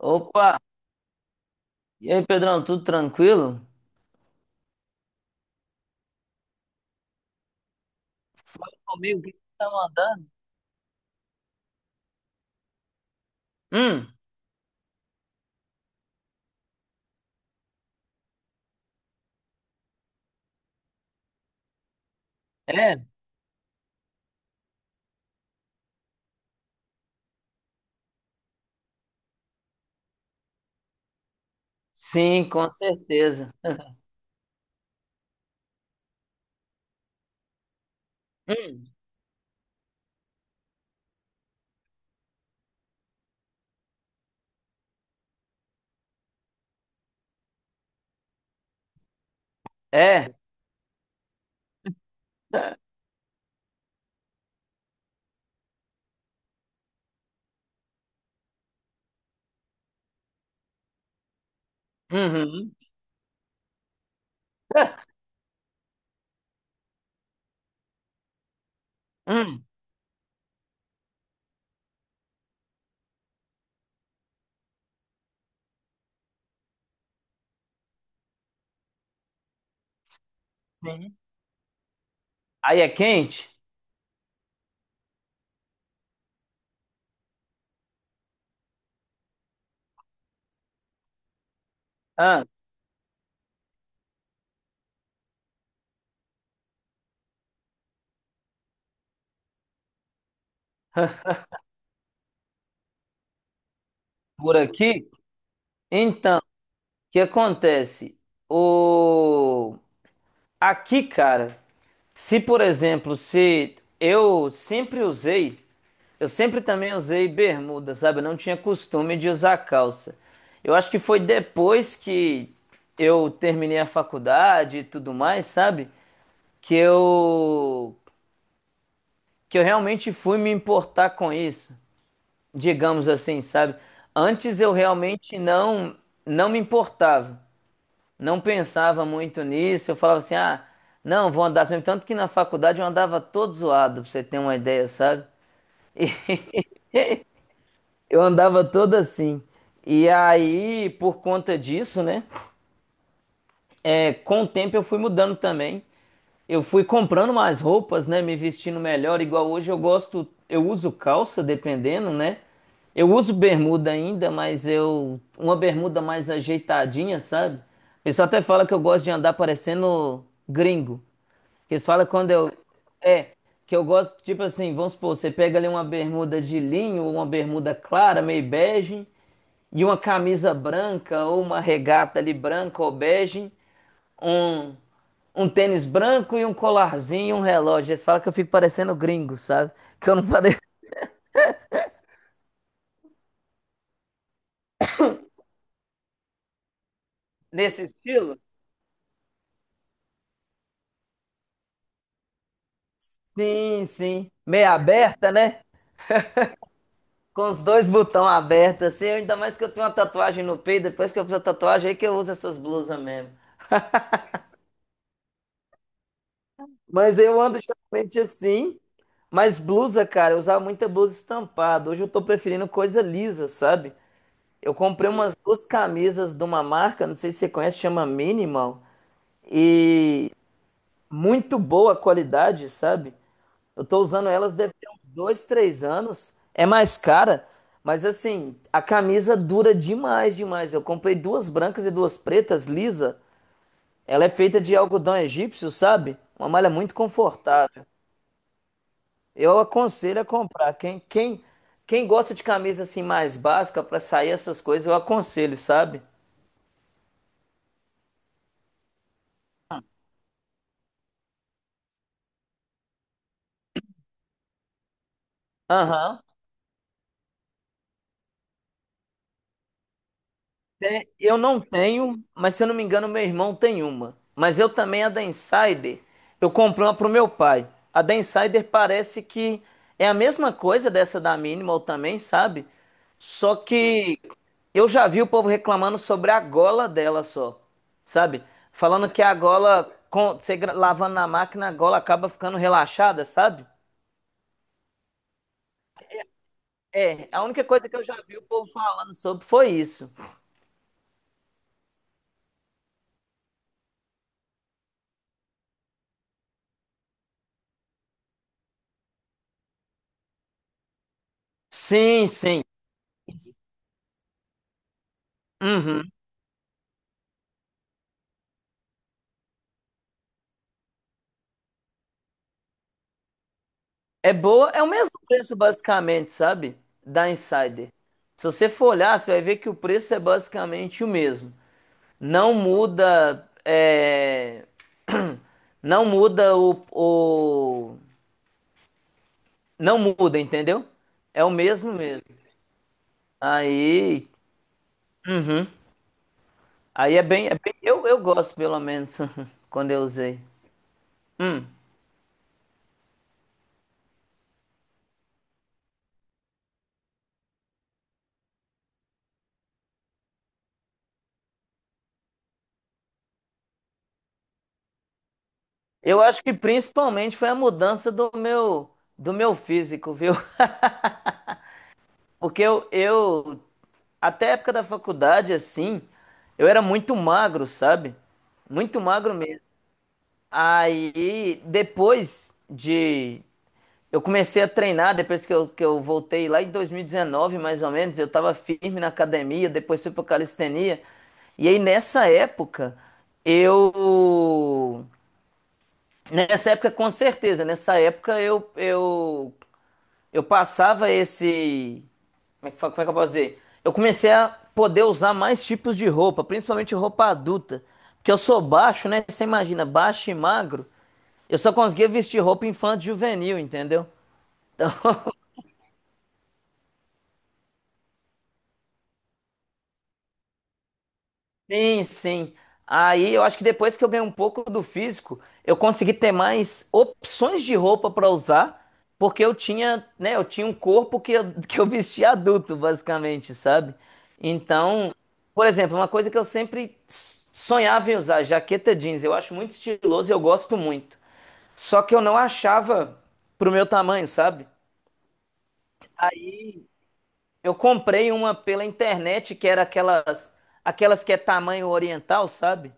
Opa! E aí, Pedrão, tudo tranquilo? Fala comigo, o que que você tá mandando? Hum, é? Sim, com certeza. Hum, é? Uhum. Hum, sim. Aí é quente? Ah, por aqui? Então, o que acontece? O... Aqui, cara, se por exemplo, se eu sempre usei. Eu sempre também usei bermuda, sabe? Eu não tinha costume de usar calça. Eu acho que foi depois que eu terminei a faculdade e tudo mais, sabe? Que eu que eu realmente fui me importar com isso, digamos assim, sabe? Antes eu realmente não me importava, não pensava muito nisso. Eu falava assim: "Ah, não, vou andar assim mesmo." Tanto que na faculdade eu andava todo zoado, pra você ter uma ideia, sabe? Eu andava toda assim. E aí, por conta disso, né? É, com o tempo eu fui mudando também. Eu fui comprando mais roupas, né? Me vestindo melhor. Igual hoje eu gosto, eu uso calça, dependendo, né? Eu uso bermuda ainda, mas eu, uma bermuda mais ajeitadinha, sabe? O pessoal até fala que eu gosto de andar parecendo gringo. Eles falam quando eu. É, que eu gosto, tipo assim, vamos supor, você pega ali uma bermuda de linho, uma bermuda clara, meio bege. E uma camisa branca ou uma regata ali branca ou bege, um, um tênis branco e um colarzinho e um relógio. Eles falam que eu fico parecendo gringo, sabe? Que eu não pareço nesse estilo. Sim, sim. Meia aberta, né? Com os dois botões abertos, assim. Ainda mais que eu tenho uma tatuagem no peito. Depois que eu fiz a tatuagem, aí que eu uso essas blusas mesmo. Mas eu ando geralmente assim. Mas blusa, cara, eu usava muita blusa estampada. Hoje eu tô preferindo coisa lisa, sabe? Eu comprei umas duas camisas de uma marca, não sei se você conhece, chama Minimal. E muito boa qualidade, sabe? Eu tô usando elas deve ter uns dois, três anos. É mais cara, mas assim, a camisa dura demais, demais. Eu comprei duas brancas e duas pretas, lisa. Ela é feita de algodão egípcio, sabe? Uma malha muito confortável. Eu aconselho a comprar. Quem gosta de camisa assim mais básica para sair essas coisas, eu aconselho, sabe? Aham. Eu não tenho, mas se eu não me engano, meu irmão tem uma. Mas eu também, a da Insider, eu comprei uma pro meu pai. A da Insider parece que é a mesma coisa dessa da Minimal também, sabe? Só que eu já vi o povo reclamando sobre a gola dela só, sabe? Falando que a gola, com, você lavando na máquina, a gola acaba ficando relaxada, sabe? É, a única coisa que eu já vi o povo falando sobre foi isso. Sim, sim. Uhum. É boa, é o mesmo preço basicamente, sabe? Da Insider. Se você for olhar, você vai ver que o preço é basicamente o mesmo. Não muda, é, não muda o, o- não muda, entendeu? É o mesmo mesmo. Aí, uhum. Aí é bem- eu gosto pelo menos quando eu usei. Hum. Eu acho que principalmente foi a mudança do meu físico, viu? Porque até a época da faculdade, assim, eu era muito magro, sabe? Muito magro mesmo. Aí, depois de. Eu comecei a treinar, depois que eu voltei lá em 2019, mais ou menos, eu tava firme na academia, depois fui pra calistenia. E aí, nessa época, eu. Nessa época, com certeza, nessa época eu passava esse. Como é que, como é que eu posso dizer? Eu comecei a poder usar mais tipos de roupa, principalmente roupa adulta. Porque eu sou baixo, né? Você imagina, baixo e magro. Eu só conseguia vestir roupa infanto-juvenil, entendeu? Então, sim, sim. Aí eu acho que depois que eu ganhei um pouco do físico, eu consegui ter mais opções de roupa para usar, porque eu tinha, né, eu tinha um corpo que eu, que eu vestia adulto, basicamente, sabe? Então, por exemplo, uma coisa que eu sempre sonhava em usar, jaqueta jeans, eu acho muito estiloso e eu gosto muito. Só que eu não achava pro meu tamanho, sabe? Aí eu comprei uma pela internet que era aquelas que é tamanho oriental, sabe?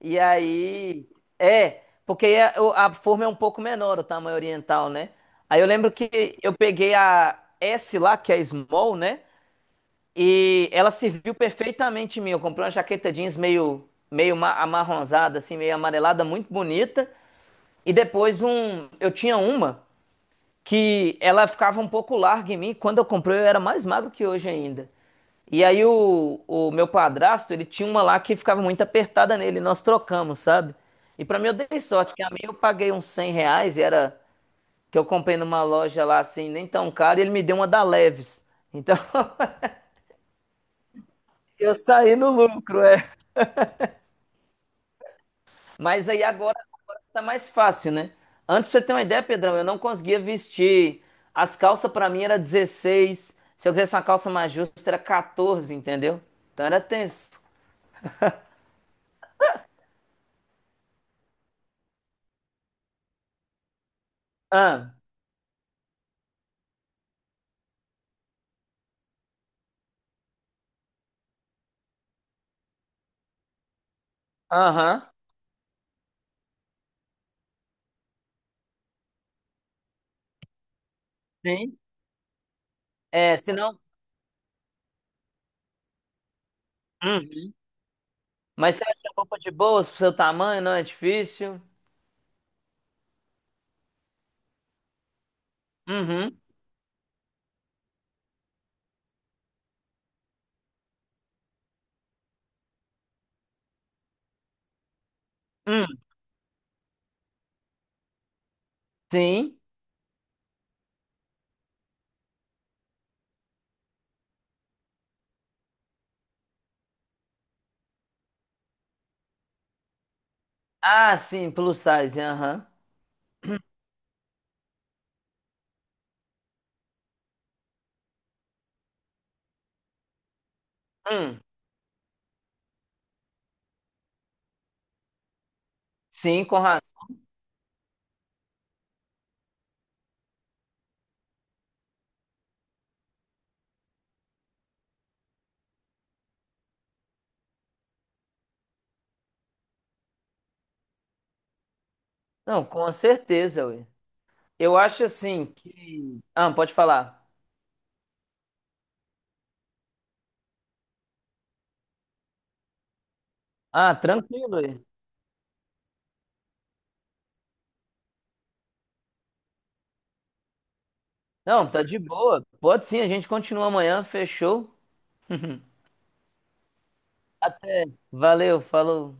E aí, é, porque a forma é um pouco menor, o tamanho oriental, né? Aí eu lembro que eu peguei a S lá, que é small, né? E ela serviu perfeitamente em mim. Eu comprei uma jaqueta jeans meio amarronzada, assim, meio amarelada, muito bonita. E depois um, eu tinha uma que ela ficava um pouco larga em mim. Quando eu comprei, eu era mais magro que hoje ainda. E aí o meu padrasto, ele tinha uma lá que ficava muito apertada nele, nós trocamos, sabe? E pra mim eu dei sorte, que a minha eu paguei uns R$ 100, e era que eu comprei numa loja lá assim, nem tão cara, e ele me deu uma da Leves. Então eu saí no lucro, é. Mas aí agora, agora tá mais fácil, né? Antes, pra você ter uma ideia, Pedrão, eu não conseguia vestir. As calças pra mim era 16. Se eu quisesse uma calça mais justa, era 14, entendeu? Então era tenso. Ah, aham. Sim. É, senão. Uhum. Mas você acha roupa de boas pro seu tamanho, não é difícil? Uhum. Hum. Sim. Ah, sim, plus size, aham. Hum. Sim, com razão. Não, com certeza, ué. Eu acho assim que. Ah, pode falar. Ah, tranquilo aí. Não, tá de boa. Pode sim, a gente continua amanhã. Fechou? Até. Valeu, falou.